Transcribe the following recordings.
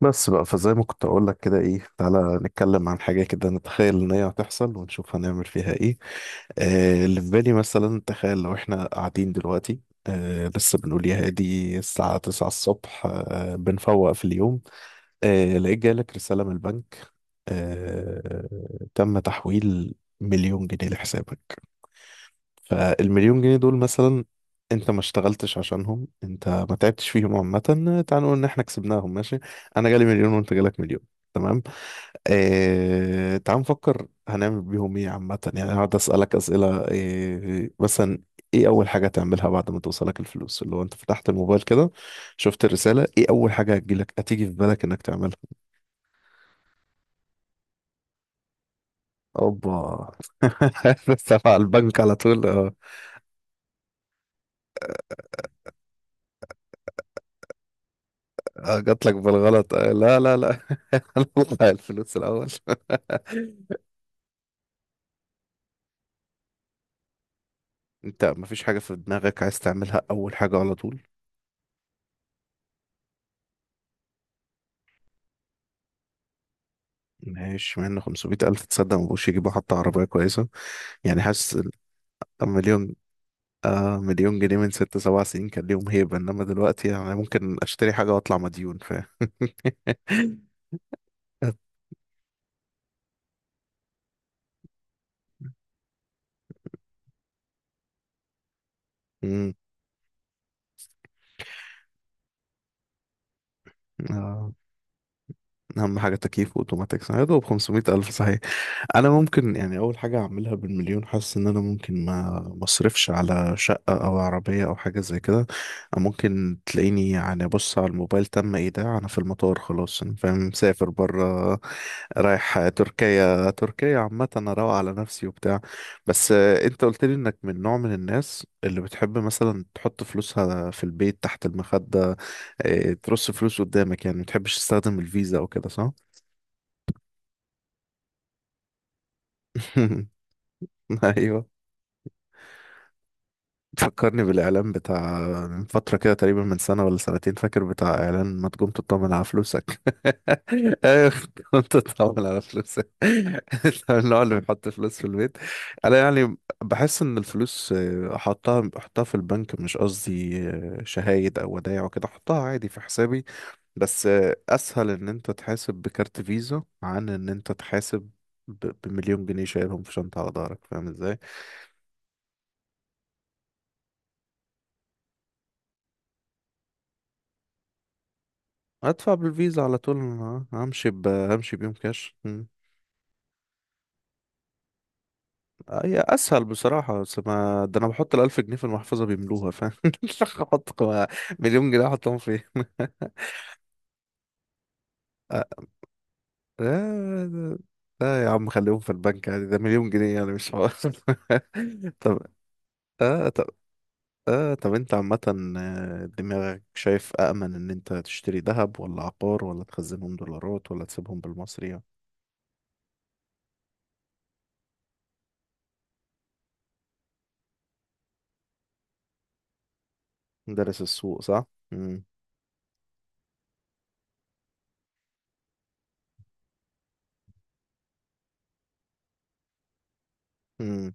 بس بقى، فزي ما كنت اقول لك كده، ايه، تعالى نتكلم عن حاجه كده، نتخيل ان هي هتحصل ونشوف هنعمل فيها ايه. اللي في بالي مثلا، تخيل لو احنا قاعدين دلوقتي. لسه بنقول يا هادي، الساعه 9 الصبح، بنفوق في اليوم. لقيت جالك رساله من البنك، تم تحويل مليون جنيه لحسابك. فالمليون جنيه دول مثلا، انت ما اشتغلتش عشانهم، انت ما تعبتش فيهم، عامة تعال نقول ان احنا كسبناهم، ماشي. انا جالي مليون وانت جالك مليون، تمام. اه... تعال نفكر هنعمل بيهم ايه، عامة يعني هقعد اسألك اسئلة مثلا ايه اول حاجة تعملها بعد ما توصلك الفلوس، اللي هو انت فتحت الموبايل كده، شفت الرسالة، ايه اول حاجة هتجيلك، هتيجي في بالك انك تعملها؟ اوبا. بس على البنك على طول، آه. اه، جات لك بالغلط آه، لا لا لا. هنطلع الفلوس الاول. انت مفيش حاجه في دماغك عايز تعملها اول حاجه على طول؟ ماشي، مع ان 500 الف، تصدق، مبقوش يجيبوا حتى عربيه كويسه، يعني حاسس إن مليون جنيه من ست سبع سنين كان ليهم هيبه، انما دلوقتي يعني ممكن اشتري حاجه واطلع مديون، فاهم؟ أمم، آه. اهم حاجه تكييف واوتوماتيك، يا دوب 500 الف، صحيح. انا ممكن يعني اول حاجه اعملها بالمليون، حاسس ان انا ممكن ما مصرفش على شقه او عربيه او حاجه زي كده. أو ممكن تلاقيني يعني، بص على الموبايل تم ايداع، انا في المطار خلاص، انا فاهم، مسافر بره، رايح تركيا. تركيا عامه انا روق على نفسي وبتاع. بس انت قلت لي انك من نوع من الناس اللي بتحب مثلا تحط فلوسها في البيت تحت المخده، ترص فلوس قدامك يعني، ما بتحبش تستخدم الفيزا او كده، صح؟ ايوه، تفكرني بالإعلان بتاع من فترة كده، تقريبا من سنة ولا سنتين، فاكر بتاع إعلان ما تقوم تطمن على فلوسك. أيوة، تقوم تطمن على فلوسك. أنت من النوع اللي بيحط فلوس في البيت. أنا يعني بحس إن الفلوس أحطها في البنك، مش قصدي شهايد أو ودايع وكده، أحطها عادي في حسابي. بس أسهل إن أنت تحاسب بكارت فيزا عن إن أنت تحاسب بمليون جنيه شايلهم في شنطة على ظهرك، فاهم إزاي؟ ادفع بالفيزا على طول، أنا همشي بيهم كاش. مم. هي اسهل بصراحه، بس ما ده انا بحط الالف جنيه في المحفظه بيملوها، فاهم؟ احط مليون جنيه احطهم فين؟ لا لا لا، يا عم خليهم في البنك عادي، ده مليون جنيه يعني، مش حوار. طب اه طب اه طب انت عامة، دماغك شايف أأمن إن أنت تشتري ذهب، ولا عقار، ولا تخزنهم دولارات، ولا تسيبهم بالمصري يعني؟ دارس السوق صح؟ مم. مم.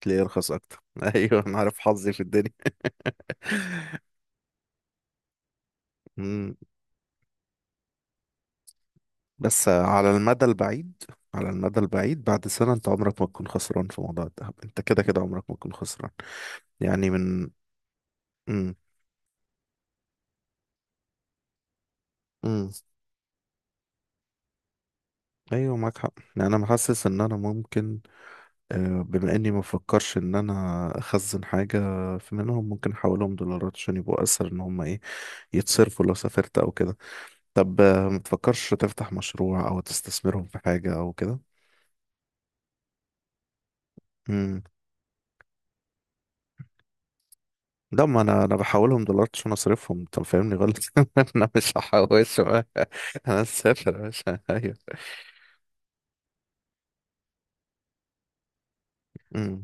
تلاقيه يرخص اكتر. ايوه، انا عارف حظي في الدنيا. مم. بس على المدى البعيد، بعد سنة انت عمرك ما تكون خسران في موضوع الذهب، انت كده كده عمرك ما تكون خسران، يعني من. مم. مم. ايوه، معاك حق، يعني انا محسس ان انا ممكن بما اني ما فكرش ان انا اخزن حاجة، في منهم ممكن احولهم دولارات عشان يبقوا اسهل ان هم ايه، يتصرفوا لو سافرت او كده. طب، ما تفكرش تفتح مشروع او تستثمرهم في حاجة او كده؟ ده ما انا بحولهم دولارات عشان اصرفهم، انت فاهمني غلط. انا مش هحوشهم. انا مسافر يا باشا، ايوه.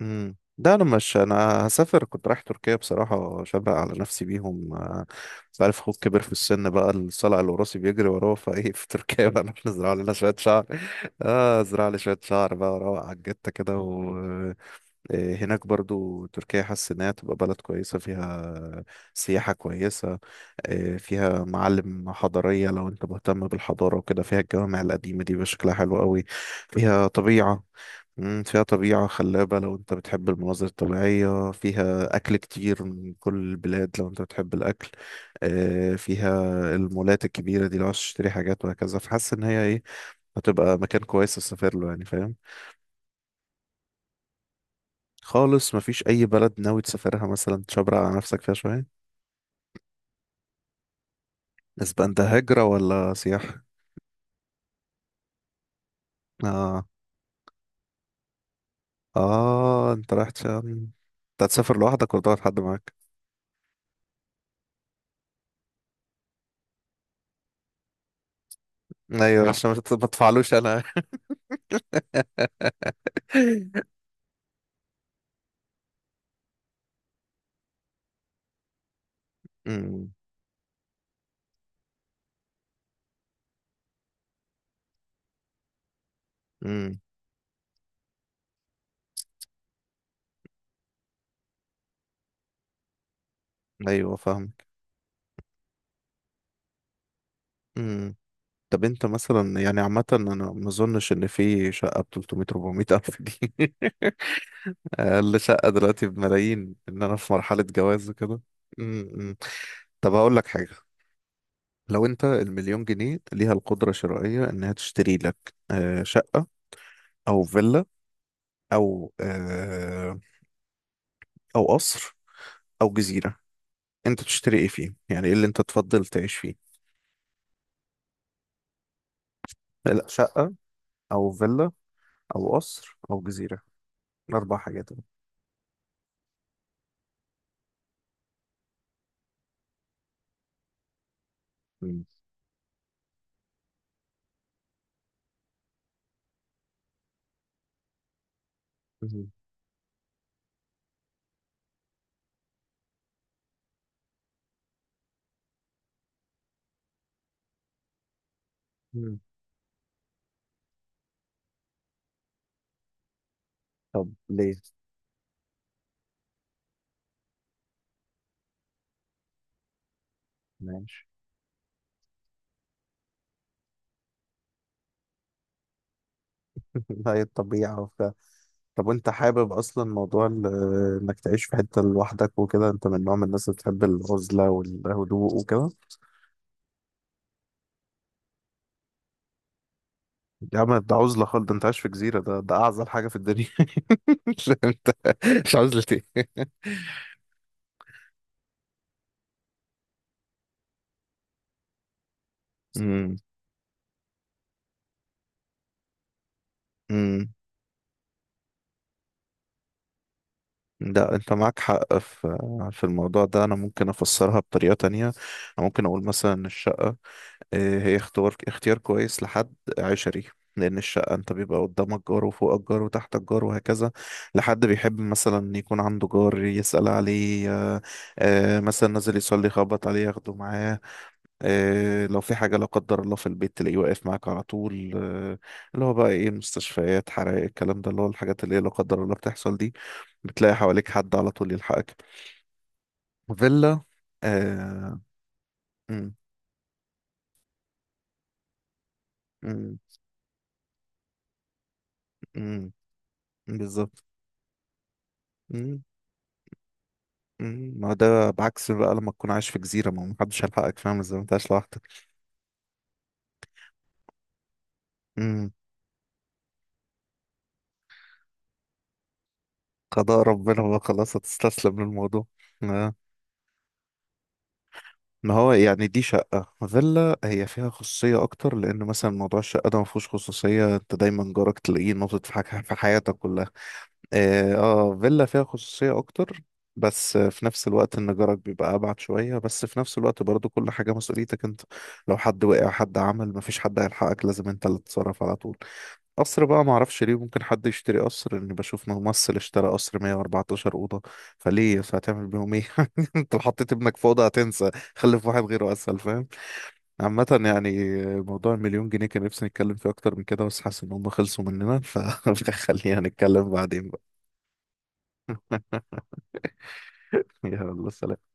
ده انا مش هسافر، كنت رايح تركيا بصراحه، شبق على نفسي بيهم، آه. انت عارف اخوك كبر في السن بقى، الصلع الوراثي بيجري وراه، فايه في تركيا بقى؟ نروح نزرع لنا شويه شعر. اه، ازرع لي شويه شعر بقى، وروق على الجته كده، و هناك برضو تركيا حاسس انها تبقى بلد كويسه، فيها سياحه كويسه، فيها معالم حضاريه لو انت مهتم بالحضاره وكده، فيها الجوامع القديمه دي بشكلها حلو قوي، فيها طبيعه. فيها طبيعة خلابة لو انت بتحب المناظر الطبيعية، فيها أكل كتير من كل البلاد لو انت بتحب الأكل، فيها المولات الكبيرة دي لو عايز تشتري حاجات وهكذا، فحاسس إن هي ايه، هتبقى مكان كويس تسافر له، يعني فاهم. خالص، مفيش أي بلد ناوي تسافرها مثلا تشبرق على نفسك فيها شوية؟ اسبان ده هجرة ولا سياحة؟ آه، آه، انت رايح عشان انت هتسافر لوحدك ولا تاخد حد معاك؟ أيوة، عشان ما تدفعلوش أنا. مم، مم، أيوة فاهم. امم طب انت مثلا يعني عامة، انا ما اظنش ان في شقة ب 300 400 الف دي. اقل شقة دلوقتي بملايين، ان انا في مرحلة جواز وكده. امم طب، هقول لك حاجة. لو انت المليون جنيه ليها القدرة الشرائية انها تشتري لك، شقة او فيلا او او قصر او جزيرة، انت تشتري ايه فيه؟ يعني ايه اللي انت تفضل تعيش فيه؟ لا شقة، او فيلا، او قصر او جزيرة، اربع حاجات. مم. طب ليه؟ ماشي. هي الطبيعة وبتاع. طب، وانت حابب اصلا موضوع انك تعيش في حتة لوحدك وكده؟ انت من نوع من الناس اللي بتحب العزلة والهدوء وكده؟ يا عم ده عزلة خالص، ده انت عايش في جزيرة، ده اعزل حاجة في الدنيا. مش انت؟ مش عزلة ايه؟ امم امم لا انت معاك حق في الموضوع ده، انا ممكن افسرها بطريقة تانية، انا ممكن اقول مثلا إن الشقة هي اختيار كويس لحد عشري، لأن الشقة أنت بيبقى قدامك جار وفوقك جار وتحتك جار وهكذا، لحد بيحب مثلا يكون عنده جار يسأل عليه، آه، مثلا نازل يصلي يخبط عليه ياخده معاه، لو في حاجة لا قدر الله في البيت تلاقيه واقف معاك على طول، اللي هو بقى إيه، المستشفيات، حرائق، الكلام ده، اللي هو الحاجات اللي هي لا قدر الله بتحصل دي، بتلاقي حواليك حد على طول يلحقك. فيلا. آه، مم، مم، مم، بالظبط. مم. ما هو ده بعكس بقى، لما تكون عايش في جزيرة ما هو محدش هيلحقك، فاهم ازاي؟ ما انت عايش لوحدك. مم. قضاء ربنا بقى، خلاص هتستسلم للموضوع. آه، ما هو يعني دي شقة، فيلا هي فيها خصوصية أكتر، لأن مثلا موضوع الشقة ده ما فيهوش خصوصية، أنت دايما جارك تلاقيه ناطط في حاجة في حياتك كلها. اه، فيلا فيها خصوصية أكتر، بس في نفس الوقت ان جارك بيبقى ابعد شويه، بس في نفس الوقت برضو كل حاجه مسؤوليتك انت، لو حد وقع، حد عمل، مفيش حد هيلحقك، لازم انت اللي تتصرف على طول. قصر بقى معرفش ليه ممكن حد يشتري قصر، اني بشوف ممثل اشترى قصر 114 اوضه، فليه بس؟ هتعمل بيهم ايه؟ انت لو حطيت ابنك في اوضه هتنسى، خلف واحد غيره اسهل، فاهم؟ عامه يعني، موضوع المليون جنيه كان نفسي نتكلم فيه اكتر من كده، بس حاسس ان هم خلصوا مننا، فخلينا نتكلم بعدين بقى. يلا سلام.